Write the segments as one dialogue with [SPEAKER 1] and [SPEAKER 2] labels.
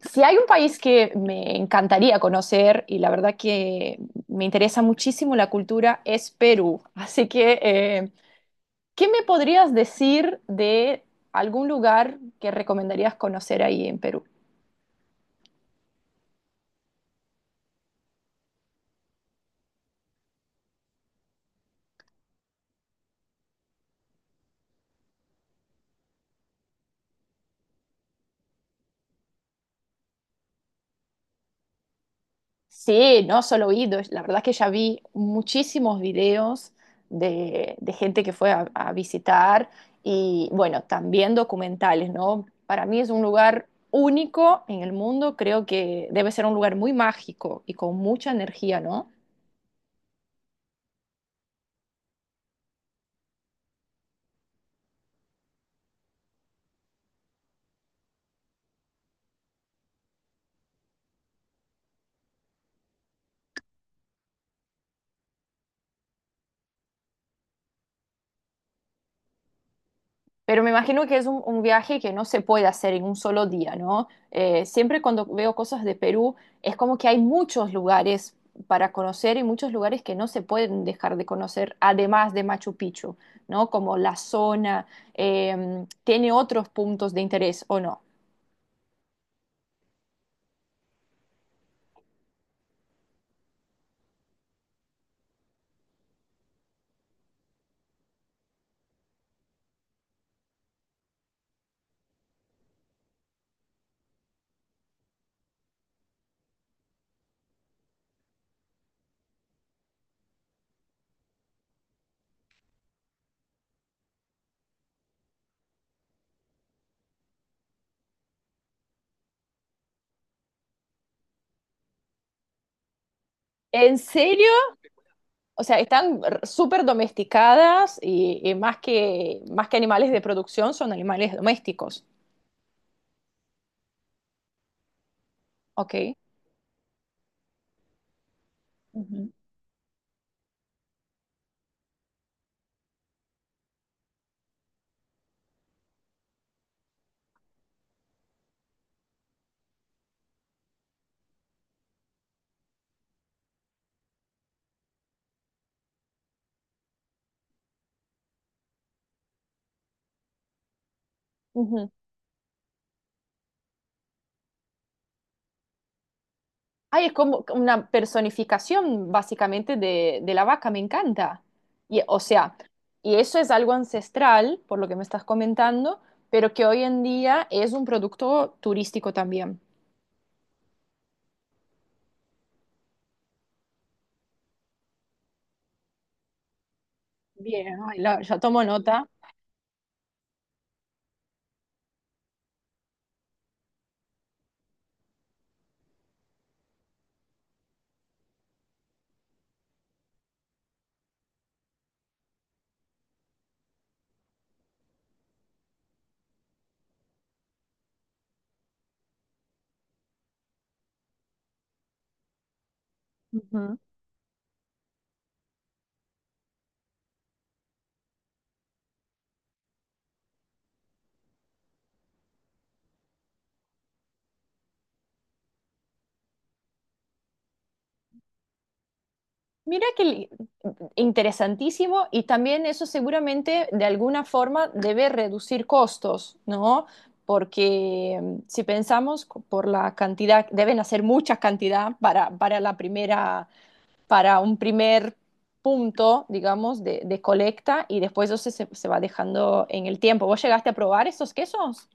[SPEAKER 1] Si hay un país que me encantaría conocer y la verdad que me interesa muchísimo la cultura es Perú. Así que, ¿qué me podrías decir de algún lugar que recomendarías conocer ahí en Perú? Sí, no solo oídos. La verdad es que ya vi muchísimos videos de gente que fue a visitar y bueno, también documentales, ¿no? Para mí es un lugar único en el mundo. Creo que debe ser un lugar muy mágico y con mucha energía, ¿no? Pero me imagino que es un viaje que no se puede hacer en un solo día, ¿no? Siempre cuando veo cosas de Perú, es como que hay muchos lugares para conocer y muchos lugares que no se pueden dejar de conocer, además de Machu Picchu, ¿no? Como la zona, tiene otros puntos de interés o no. ¿En serio? O sea, están súper domesticadas y más que animales de producción, son animales domésticos. Ok. Ujú. Ujú. Ay, es como una personificación básicamente de la vaca, me encanta. Y, o sea, y eso es algo ancestral, por lo que me estás comentando, pero que hoy en día es un producto turístico también. Bien, ay, ya tomo nota. Ujú. Mira que interesantísimo y también eso seguramente de alguna forma debe reducir costos, ¿no? Porque si pensamos por la cantidad, deben hacer mucha cantidad para la primera para un primer punto, digamos, de colecta y después eso se, se va dejando en el tiempo. ¿Vos llegaste a probar esos quesos?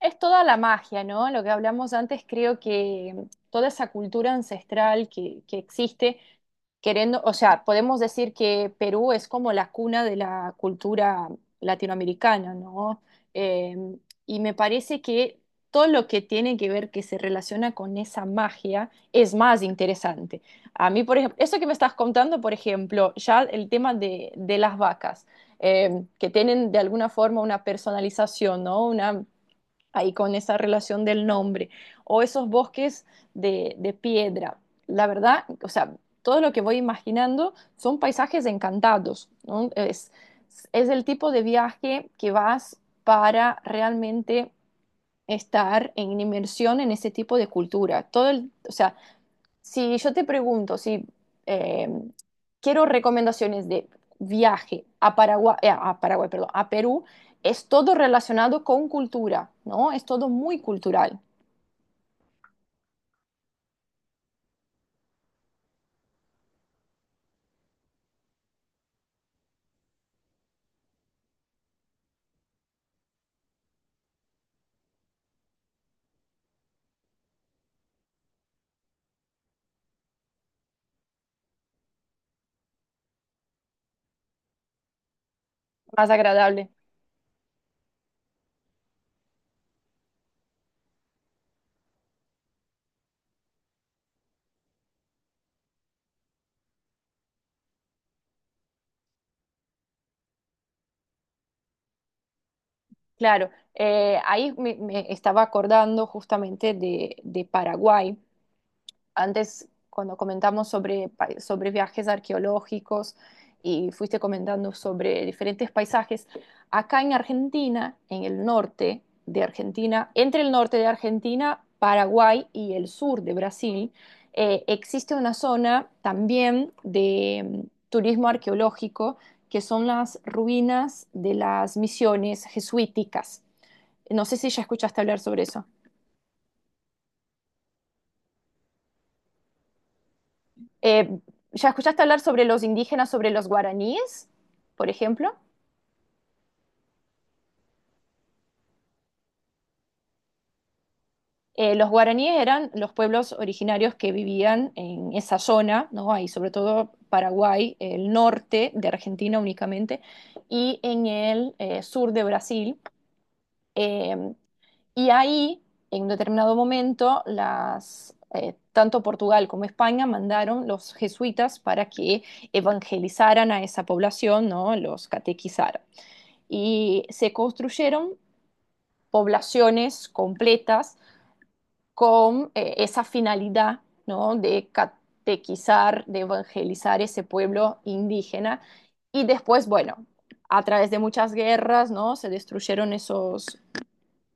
[SPEAKER 1] Es toda la magia, ¿no? Lo que hablamos antes, creo que toda esa cultura ancestral que existe, queriendo, o sea, podemos decir que Perú es como la cuna de la cultura latinoamericana, ¿no? Eh, y me parece que todo lo que tiene que ver que se relaciona con esa magia es más interesante. A mí, por ejemplo, eso que me estás contando, por ejemplo, ya el tema de las vacas, que tienen de alguna forma una personalización, ¿no? Una ahí con esa relación del nombre, o esos bosques de piedra. La verdad, o sea, todo lo que voy imaginando son paisajes encantados, ¿no? Es el tipo de viaje que vas para realmente estar en inmersión en ese tipo de cultura. Todo el, o sea, si yo te pregunto si eh, quiero recomendaciones de viaje a Paraguay, perdón, a Perú, es todo relacionado con cultura, ¿no? Es todo muy cultural. Más agradable. Claro, ahí me estaba acordando justamente de Paraguay. Antes cuando comentamos sobre, sobre viajes arqueológicos y fuiste comentando sobre diferentes paisajes, acá en Argentina, en el norte de Argentina, entre el norte de Argentina, Paraguay y el sur de Brasil, existe una zona también de turismo arqueológico que son las ruinas de las misiones jesuíticas. No sé si ya escuchaste hablar sobre eso. Eh, ¿Ya escuchaste hablar sobre los indígenas, sobre los guaraníes, por ejemplo? Los guaraníes eran los pueblos originarios que vivían en esa zona, ¿no? Ahí, sobre todo Paraguay, el norte de Argentina únicamente, y en el sur de Brasil. Eh, y ahí, en un determinado momento, tanto Portugal como España mandaron los jesuitas para que evangelizaran a esa población, ¿no? Los catequizaran. Y se construyeron poblaciones completas con esa finalidad, ¿no? De catequizar, de evangelizar ese pueblo indígena. Y después, bueno, a través de muchas guerras, ¿no? Se destruyeron esos,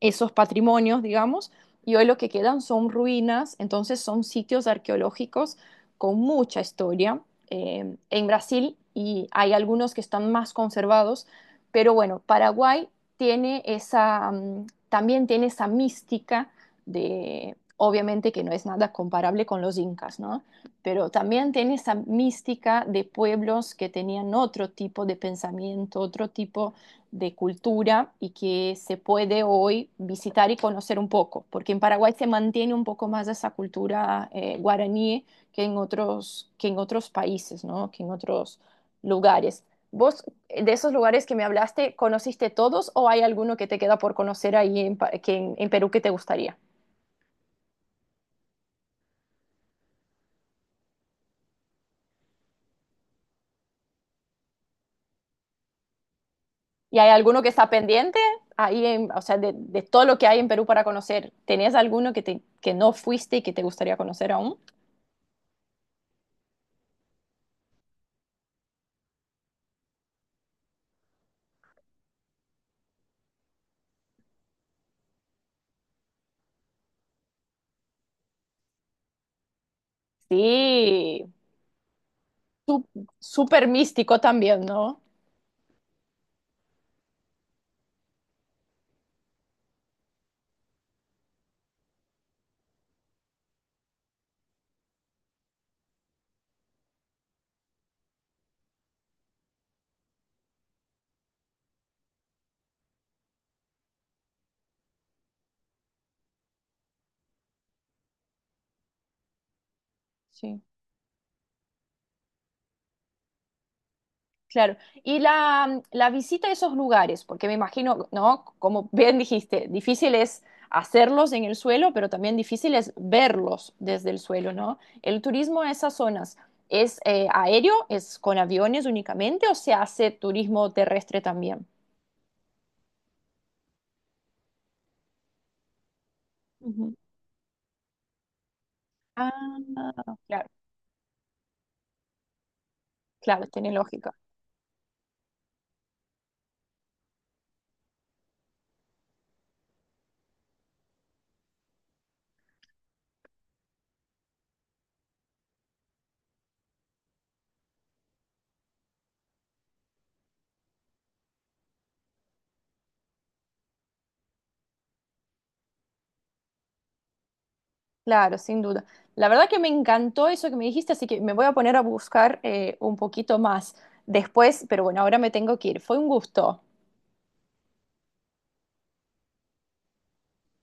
[SPEAKER 1] esos patrimonios, digamos, y hoy lo que quedan son ruinas, entonces son sitios arqueológicos con mucha historia en Brasil, y hay algunos que están más conservados, pero bueno, Paraguay tiene esa, también tiene esa mística de, obviamente que no es nada comparable con los incas, ¿no? Pero también tiene esa mística de pueblos que tenían otro tipo de pensamiento, otro tipo de cultura y que se puede hoy visitar y conocer un poco, porque en Paraguay se mantiene un poco más esa cultura guaraní que en otros países, ¿no? Que en otros lugares. ¿Vos de esos lugares que me hablaste, conociste todos o hay alguno que te queda por conocer ahí en, en Perú que te gustaría? ¿Y hay alguno que está pendiente? O sea, de todo lo que hay en Perú para conocer, ¿tenés alguno que, te, que no fuiste y que te gustaría conocer aún? Sí, Sú- súper místico también, ¿no? Sí, claro. Y la visita a esos lugares, porque me imagino, ¿no? Como bien dijiste, difícil es hacerlos en el suelo, pero también difícil es verlos desde el suelo, ¿no? El turismo a esas zonas, ¿es aéreo? ¿Es con aviones únicamente o se hace turismo terrestre también? Ujú. Ah, claro, claro, tiene lógica. Claro, sin duda. La verdad que me encantó eso que me dijiste, así que me voy a poner a buscar un poquito más después, pero bueno, ahora me tengo que ir. Fue un gusto.